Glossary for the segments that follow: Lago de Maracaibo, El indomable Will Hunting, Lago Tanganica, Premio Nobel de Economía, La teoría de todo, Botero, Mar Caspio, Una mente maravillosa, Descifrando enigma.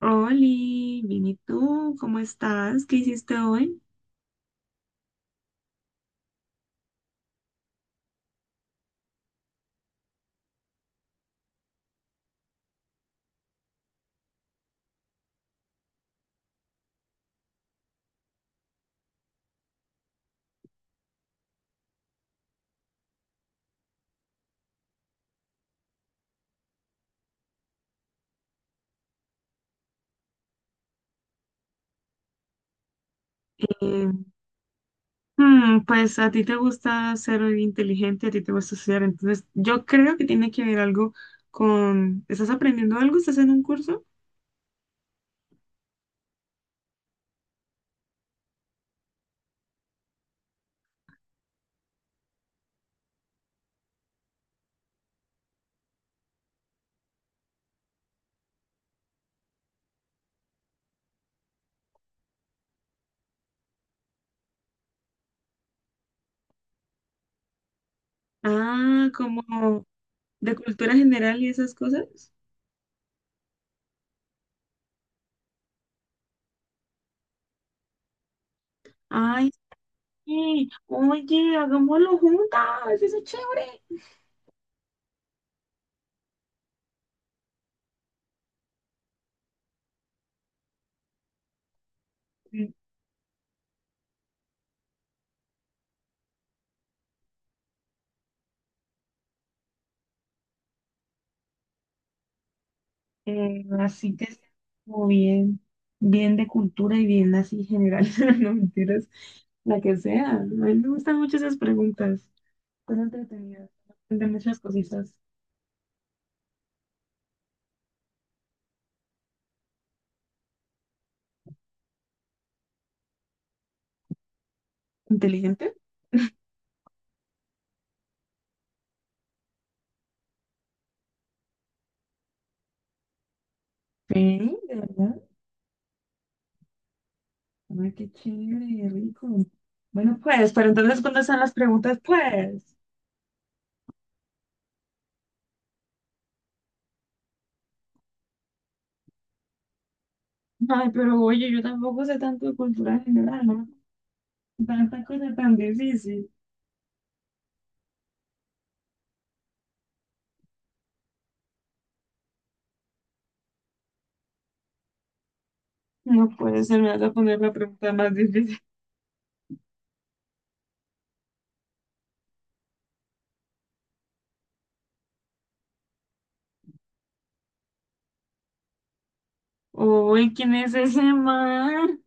Oli, bien, ¿y tú? ¿Cómo estás? ¿Qué hiciste hoy? Eh, pues a ti te gusta ser inteligente, a ti te gusta estudiar, entonces yo creo que tiene que ver algo con, ¿estás aprendiendo algo? ¿Estás en un curso? Ah, como de cultura general y esas cosas. Ay, sí. Oye, hagámoslo juntas. Eso es chévere. Así que sea como bien de cultura y bien así general, no mentiras, la que sea. A mí me gustan mucho esas preguntas, son entretenidas, de muchas cositas. ¿Inteligente? Sí, de verdad. Ay, qué chévere, y rico. Bueno, pues, pero entonces, ¿cuándo están las preguntas? Pues. Ay, pero oye, yo tampoco sé tanto de cultura general, ¿no? Tanta cosa tan difícil. No puede ser, me vas a poner la pregunta más difícil. Uy, ¿quién es ese man?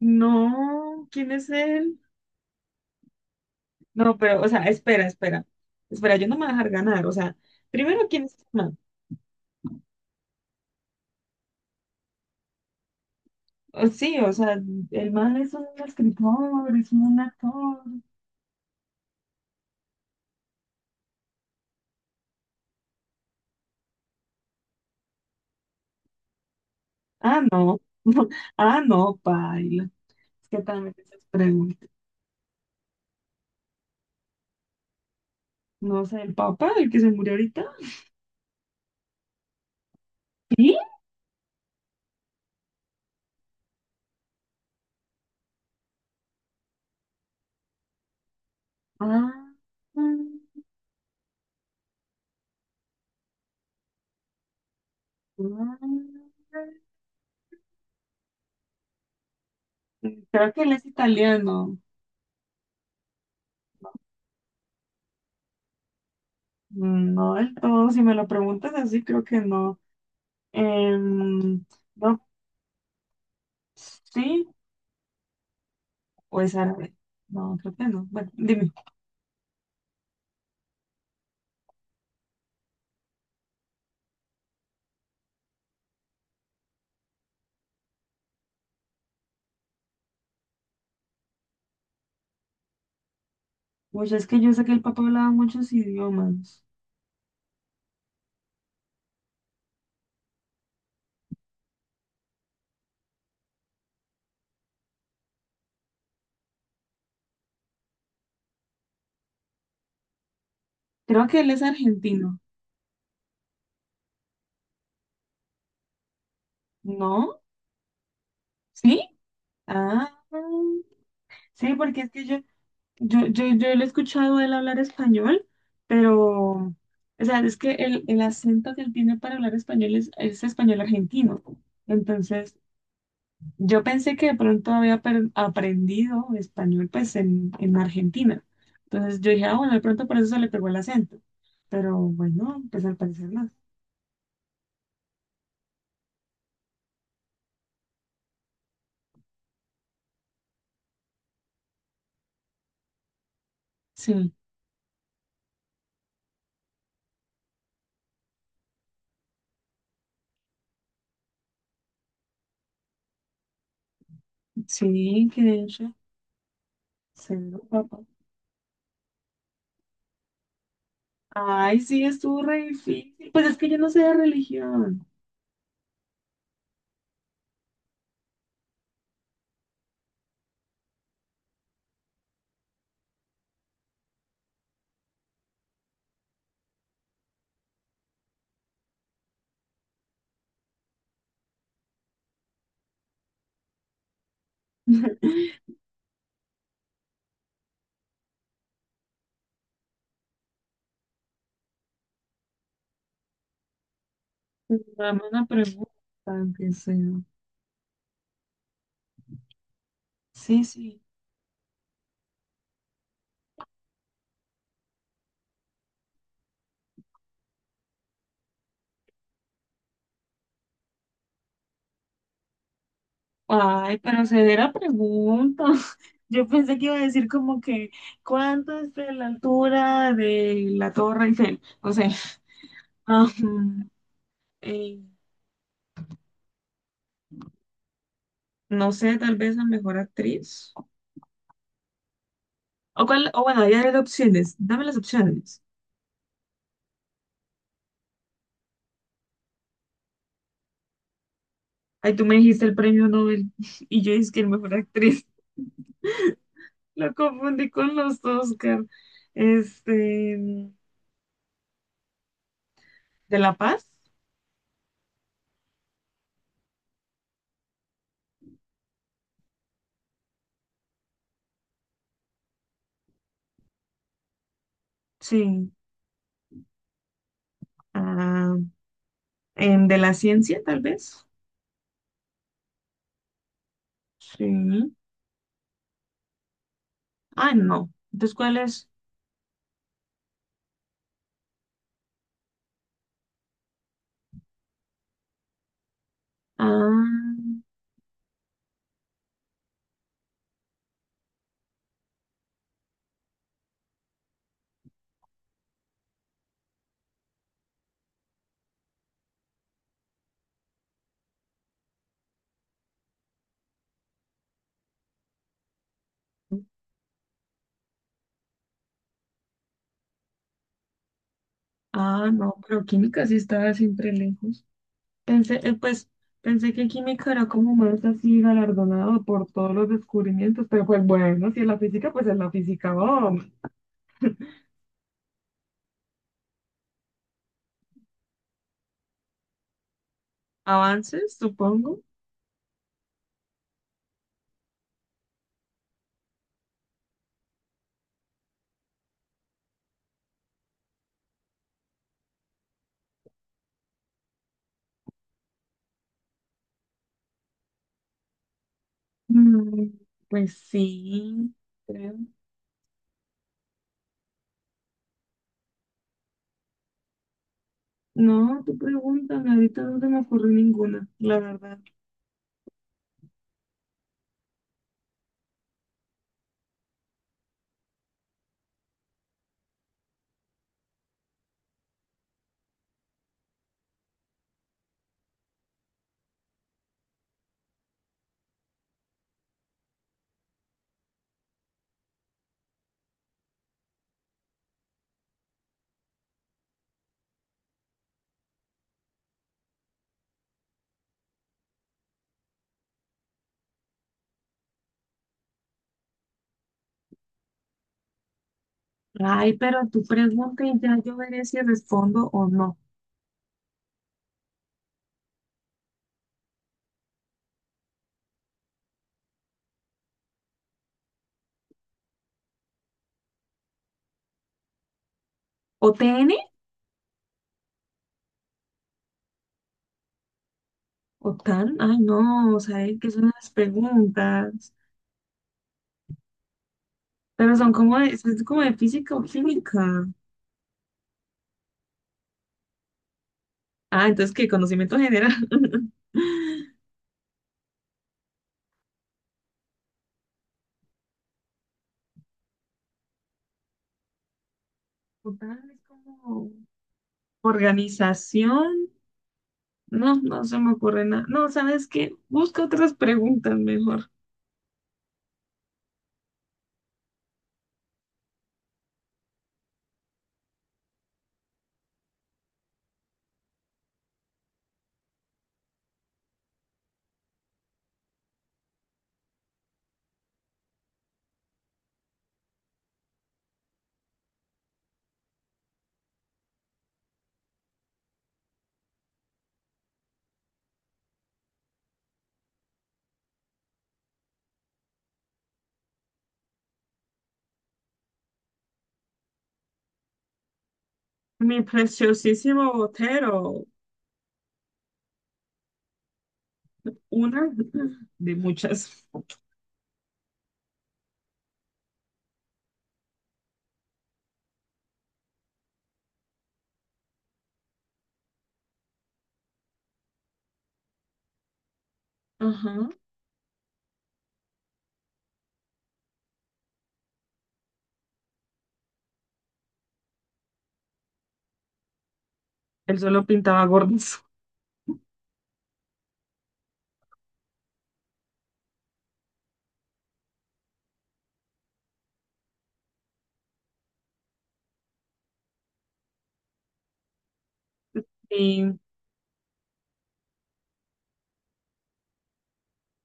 No, ¿quién es él? No, pero, o sea, espera, espera. Yo no me voy a dejar ganar. O sea, primero, ¿quién es el man? O- sí, o sea, el man es un escritor, es un actor. Ah, no. Ah, no, paila. Es que también esas preguntas. No sé, ¿el papá, el que se murió ahorita? ¿Sí? Ah, mm, ah. Creo que él es italiano. Mm, no del todo. Si me lo preguntas así, creo que no. Em, no, sí, o es árabe. No, creo que no. Bueno, dime. Oye, es que yo sé que el papá hablaba muchos idiomas. Creo que él es argentino. ¿No? ¿Sí? Ah, sí, porque es que yo lo he escuchado a él hablar español, pero, o sea, es que el acento que él tiene para hablar español es español argentino. Entonces, yo pensé que de pronto había aprendido español pues en Argentina. Entonces yo dije, ah, bueno, de pronto por eso se le pegó el acento. Pero bueno, pues al parecer no. Sí, sí, que de hecho, cero, papá. Ay, sí, estuvo re difícil. Pues es que yo no sé de religión. Pues dame una pregunta, aunque sea. Sí, sí. Ay, pero se de la pregunta. Yo pensé que iba a decir como que, ¿cuánto es de la altura de la Torre Eiffel? No sé. Ajá. Eh, no sé, tal vez la mejor actriz. O, cuál, o bueno, ya hay opciones. Dame las opciones. Ay, tú me dijiste el premio Nobel y yo dije que el mejor actriz. Lo confundí con los Oscar. Este, ¿de La Paz? Sí. Ah, ¿en ¿de la Ciencia, tal vez? Sí. Ah, no. Entonces, ¿cuál es? Ah, no, pero química sí estaba siempre lejos. Pensé, pensé que química era como más así galardonado por todos los descubrimientos, pero pues bueno, si es la física, pues es la física. Oh, avances, supongo. Mm, pues sí, creo. No, tú pregúntame, ahorita no se me ocurre ninguna, la verdad. Ay, pero tú pregunta y ya yo veré si respondo o no. ¿O TN? ¿O TAN? Ay, no, o sea, es que son las preguntas. Pero son como de, pues, es como de física o química. Ah, entonces, ¿qué? Conocimiento general. Total, es como organización. No, no se me ocurre nada. No, ¿sabes qué? Busca otras preguntas mejor. Mi preciosísimo Botero. Una de muchas. Ajá. Él solo pintaba gordos. Y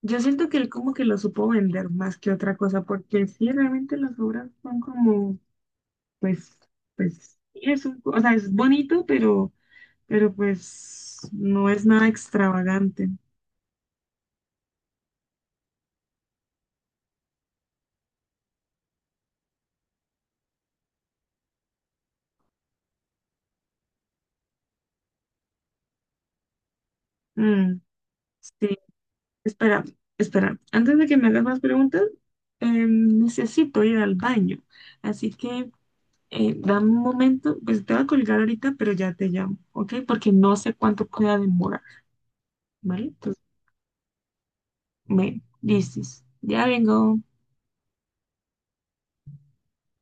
yo siento que él como que lo supo vender más que otra cosa, porque sí, realmente las obras son como, pues, sí, es un- o sea, es bonito, pero pues no es nada extravagante. Mm, sí, espera, espera, antes de que me hagas más preguntas, necesito ir al baño, así que dame un momento, pues te voy a colgar ahorita, pero ya te llamo, ¿ok? Porque no sé cuánto pueda demorar, ¿vale? Entonces, me dices, ya vengo.